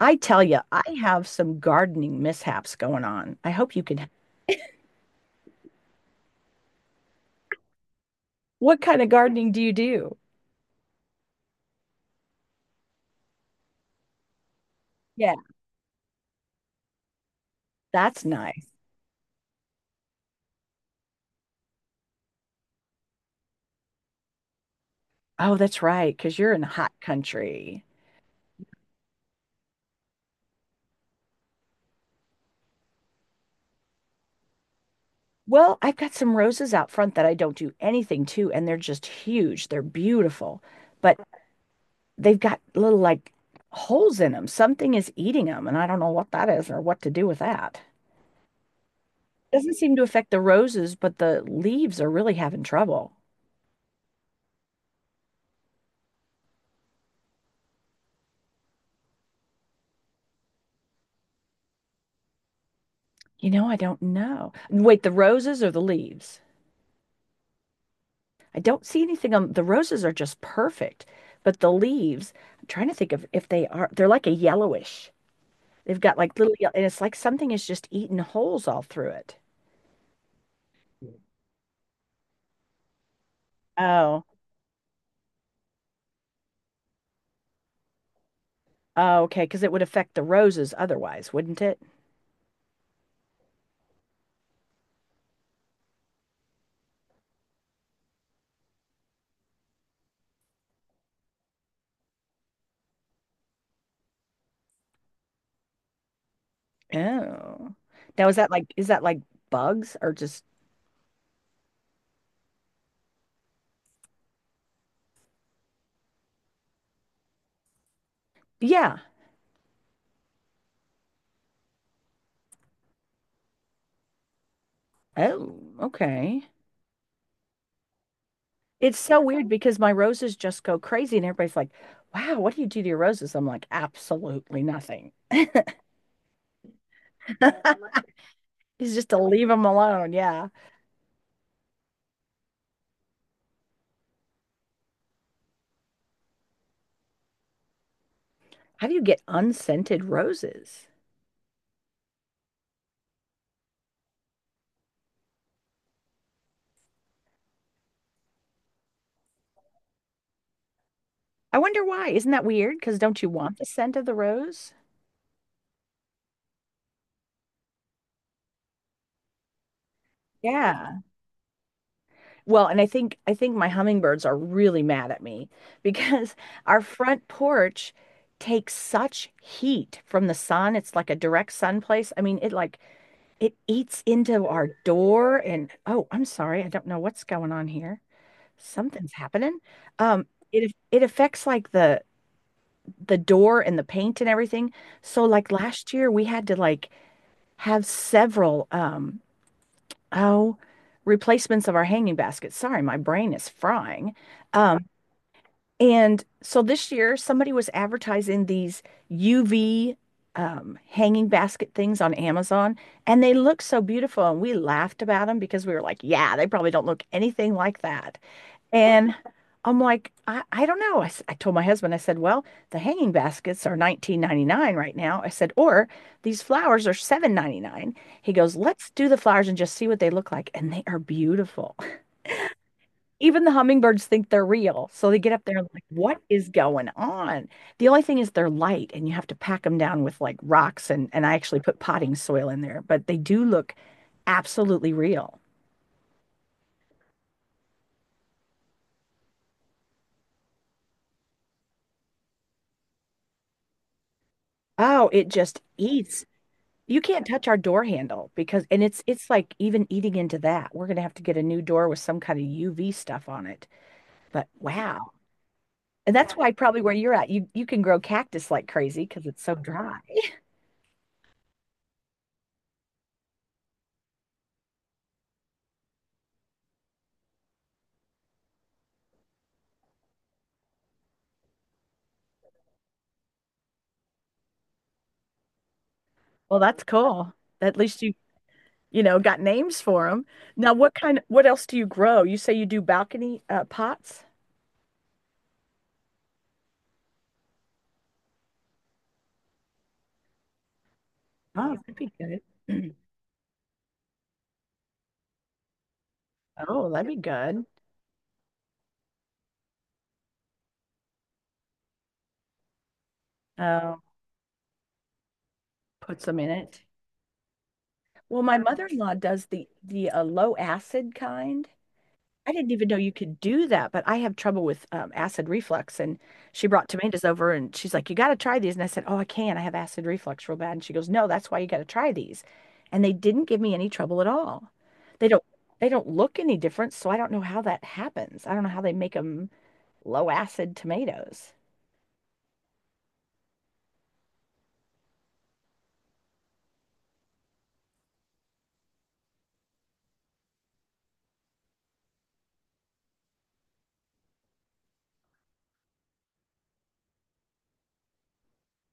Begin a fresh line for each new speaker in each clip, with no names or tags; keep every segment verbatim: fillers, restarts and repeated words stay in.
I tell you, I have some gardening mishaps going on. I hope you can. What kind of gardening do you do? Yeah, that's nice. Oh, that's right, because you're in a hot country. Well, I've got some roses out front that I don't do anything to, and they're just huge. They're beautiful, but they've got little like holes in them. Something is eating them, and I don't know what that is or what to do with that. Doesn't seem to affect the roses, but the leaves are really having trouble. You know, I don't know. Wait, the roses or the leaves? I don't see anything on the roses are just perfect, but the leaves, I'm trying to think of if they are, they're like a yellowish. They've got like little, yellow, and it's like something is just eating holes all through it. Oh, oh, okay, because it would affect the roses otherwise, wouldn't it? Oh. Now is that like is that like bugs or just yeah. Oh, okay. It's so weird because my roses just go crazy and everybody's like, "Wow, what do you do to your roses?" I'm like, "Absolutely nothing." It's just to leave them alone. Yeah. How do you get unscented roses? I wonder why. Isn't that weird? Because don't you want the scent of the rose? Yeah. Well, and I think I think my hummingbirds are really mad at me because our front porch takes such heat from the sun. It's like a direct sun place. I mean, it like it eats into our door and oh, I'm sorry. I don't know what's going on here. Something's happening. Um it it affects like the the door and the paint and everything. So like last year we had to like have several um oh replacements of our hanging baskets. Sorry, my brain is frying. Um, and so this year somebody was advertising these U V um hanging basket things on Amazon, and they look so beautiful and we laughed about them because we were like, yeah, they probably don't look anything like that. And I'm like, I, I don't know. I, s- I told my husband. I said, well, the hanging baskets are nineteen ninety-nine right now. I said, or these flowers are seven ninety-nine. He goes, let's do the flowers and just see what they look like. And they are beautiful. Even the hummingbirds think they're real. So they get up there and like, what is going on? The only thing is they're light and you have to pack them down with like rocks. And, and I actually put potting soil in there, but they do look absolutely real. Oh, it just eats. You can't touch our door handle because, and it's it's like even eating into that. We're gonna have to get a new door with some kind of U V stuff on it. But wow. And that's why probably where you're at, you you can grow cactus like crazy because it's so dry. Well, that's cool. At least you you know got names for them. Now, what kind what else do you grow? You say you do balcony uh, pots? Oh, oh, that'd be good. Uh, Put some in it. Well, my mother-in-law does the the uh, low acid kind. I didn't even know you could do that, but I have trouble with um, acid reflux. And she brought tomatoes over and she's like, "You got to try these." And I said, "Oh, I can. I have acid reflux real bad." And she goes, "No, that's why you got to try these." And they didn't give me any trouble at all. They don't they don't look any different, so I don't know how that happens. I don't know how they make them low acid tomatoes.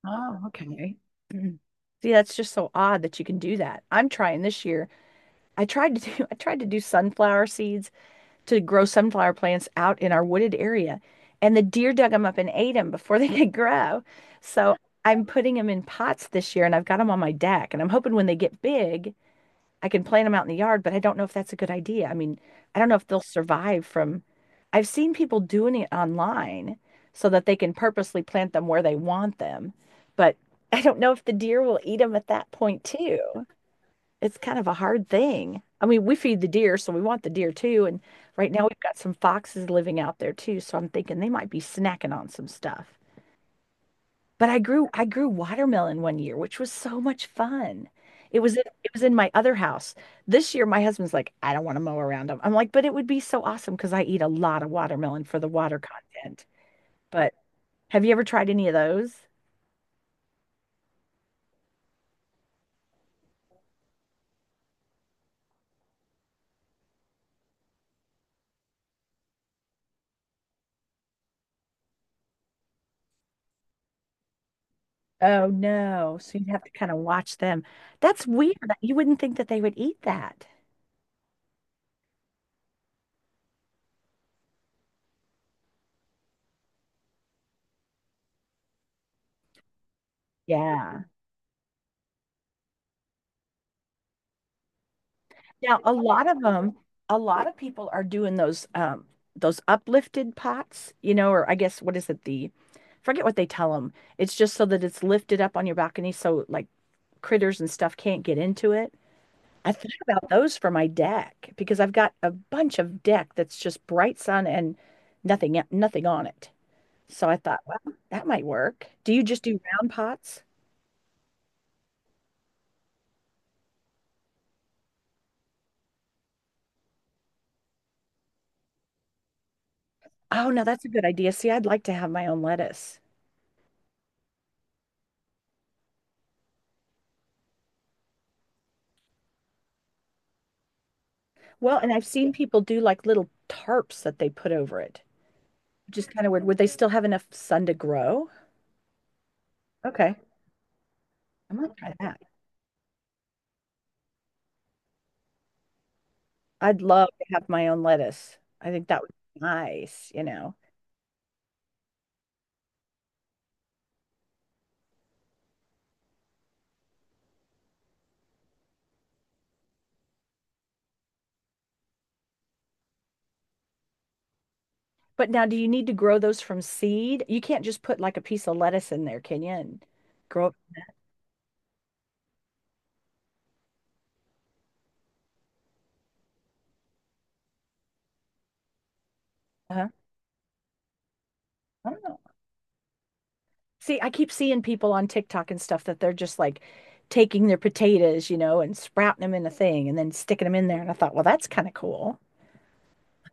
Oh, okay. Mhm. See, that's just so odd that you can do that. I'm trying this year. I tried to do I tried to do sunflower seeds to grow sunflower plants out in our wooded area. And the deer dug them up and ate them before they could grow. So I'm putting them in pots this year and I've got them on my deck. And I'm hoping when they get big, I can plant them out in the yard, but I don't know if that's a good idea. I mean, I don't know if they'll survive from, I've seen people doing it online so that they can purposely plant them where they want them. But I don't know if the deer will eat them at that point too. It's kind of a hard thing. I mean, we feed the deer, so we want the deer too. And right now we've got some foxes living out there too, so I'm thinking they might be snacking on some stuff. But I grew I grew watermelon one year, which was so much fun. It was in, it was in my other house. This year my husband's like, "I don't want to mow around them." I'm like, but it would be so awesome because I eat a lot of watermelon for the water content. But have you ever tried any of those? Oh no. So you'd have to kind of watch them. That's weird. You wouldn't think that they would eat that. Yeah. Now, a lot of them, a lot of people are doing those um those uplifted pots, you know, or I guess what is it the forget what they tell them. It's just so that it's lifted up on your balcony so like critters and stuff can't get into it. I thought about those for my deck because I've got a bunch of deck that's just bright sun and nothing e, nothing on it. So I thought, well, that might work. Do you just do round pots? Oh no, that's a good idea. See, I'd like to have my own lettuce. Well, and I've seen people do like little tarps that they put over it, which is kind of weird. Would they still have enough sun to grow? Okay, I might try that. I'd love to have my own lettuce. I think that would be nice, you know. But now, do you need to grow those from seed? You can't just put like a piece of lettuce in there, can you? And grow. Uh-huh. I don't know. See, I keep seeing people on TikTok and stuff that they're just like taking their potatoes, you know, and sprouting them in a thing and then sticking them in there. And I thought, well, that's kind of cool.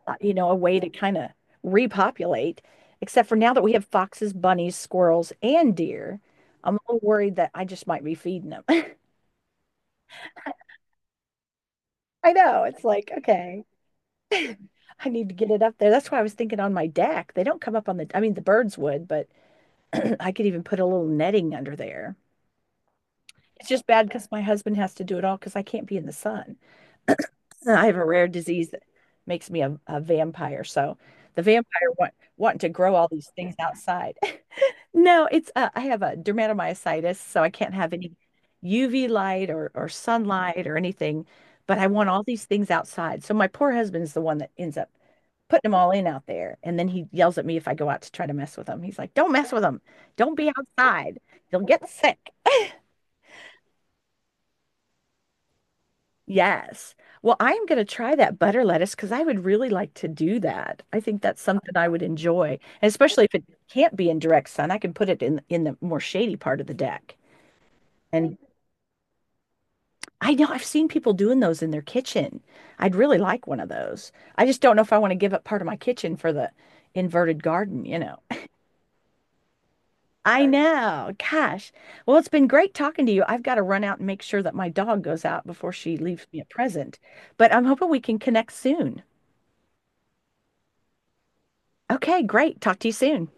uh, you know, A way to kind of repopulate. Except for now that we have foxes, bunnies, squirrels, and deer, I'm a little worried that I just might be feeding them. I know. It's like, okay, I need to get it up there. That's why I was thinking on my deck. They don't come up on the, I mean, the birds would, but I could even put a little netting under there. It's just bad because my husband has to do it all because I can't be in the sun. And I have a rare disease that makes me a, a vampire. So the vampire want, wanting to grow all these things outside. No, it's uh, I have a dermatomyositis, so I can't have any U V light or or sunlight or anything. But I want all these things outside. So my poor husband's the one that ends up putting them all in out there, and then he yells at me if I go out to try to mess with them. He's like, "Don't mess with them. Don't be outside. You'll get sick." Yes. Well, I am going to try that butter lettuce because I would really like to do that. I think that's something I would enjoy, and especially if it can't be in direct sun. I can put it in in the more shady part of the deck, and I know I've seen people doing those in their kitchen. I'd really like one of those. I just don't know if I want to give up part of my kitchen for the inverted garden, you know. I, right, know. Gosh. Well, it's been great talking to you. I've got to run out and make sure that my dog goes out before she leaves me a present. But I'm hoping we can connect soon. Okay, great. Talk to you soon.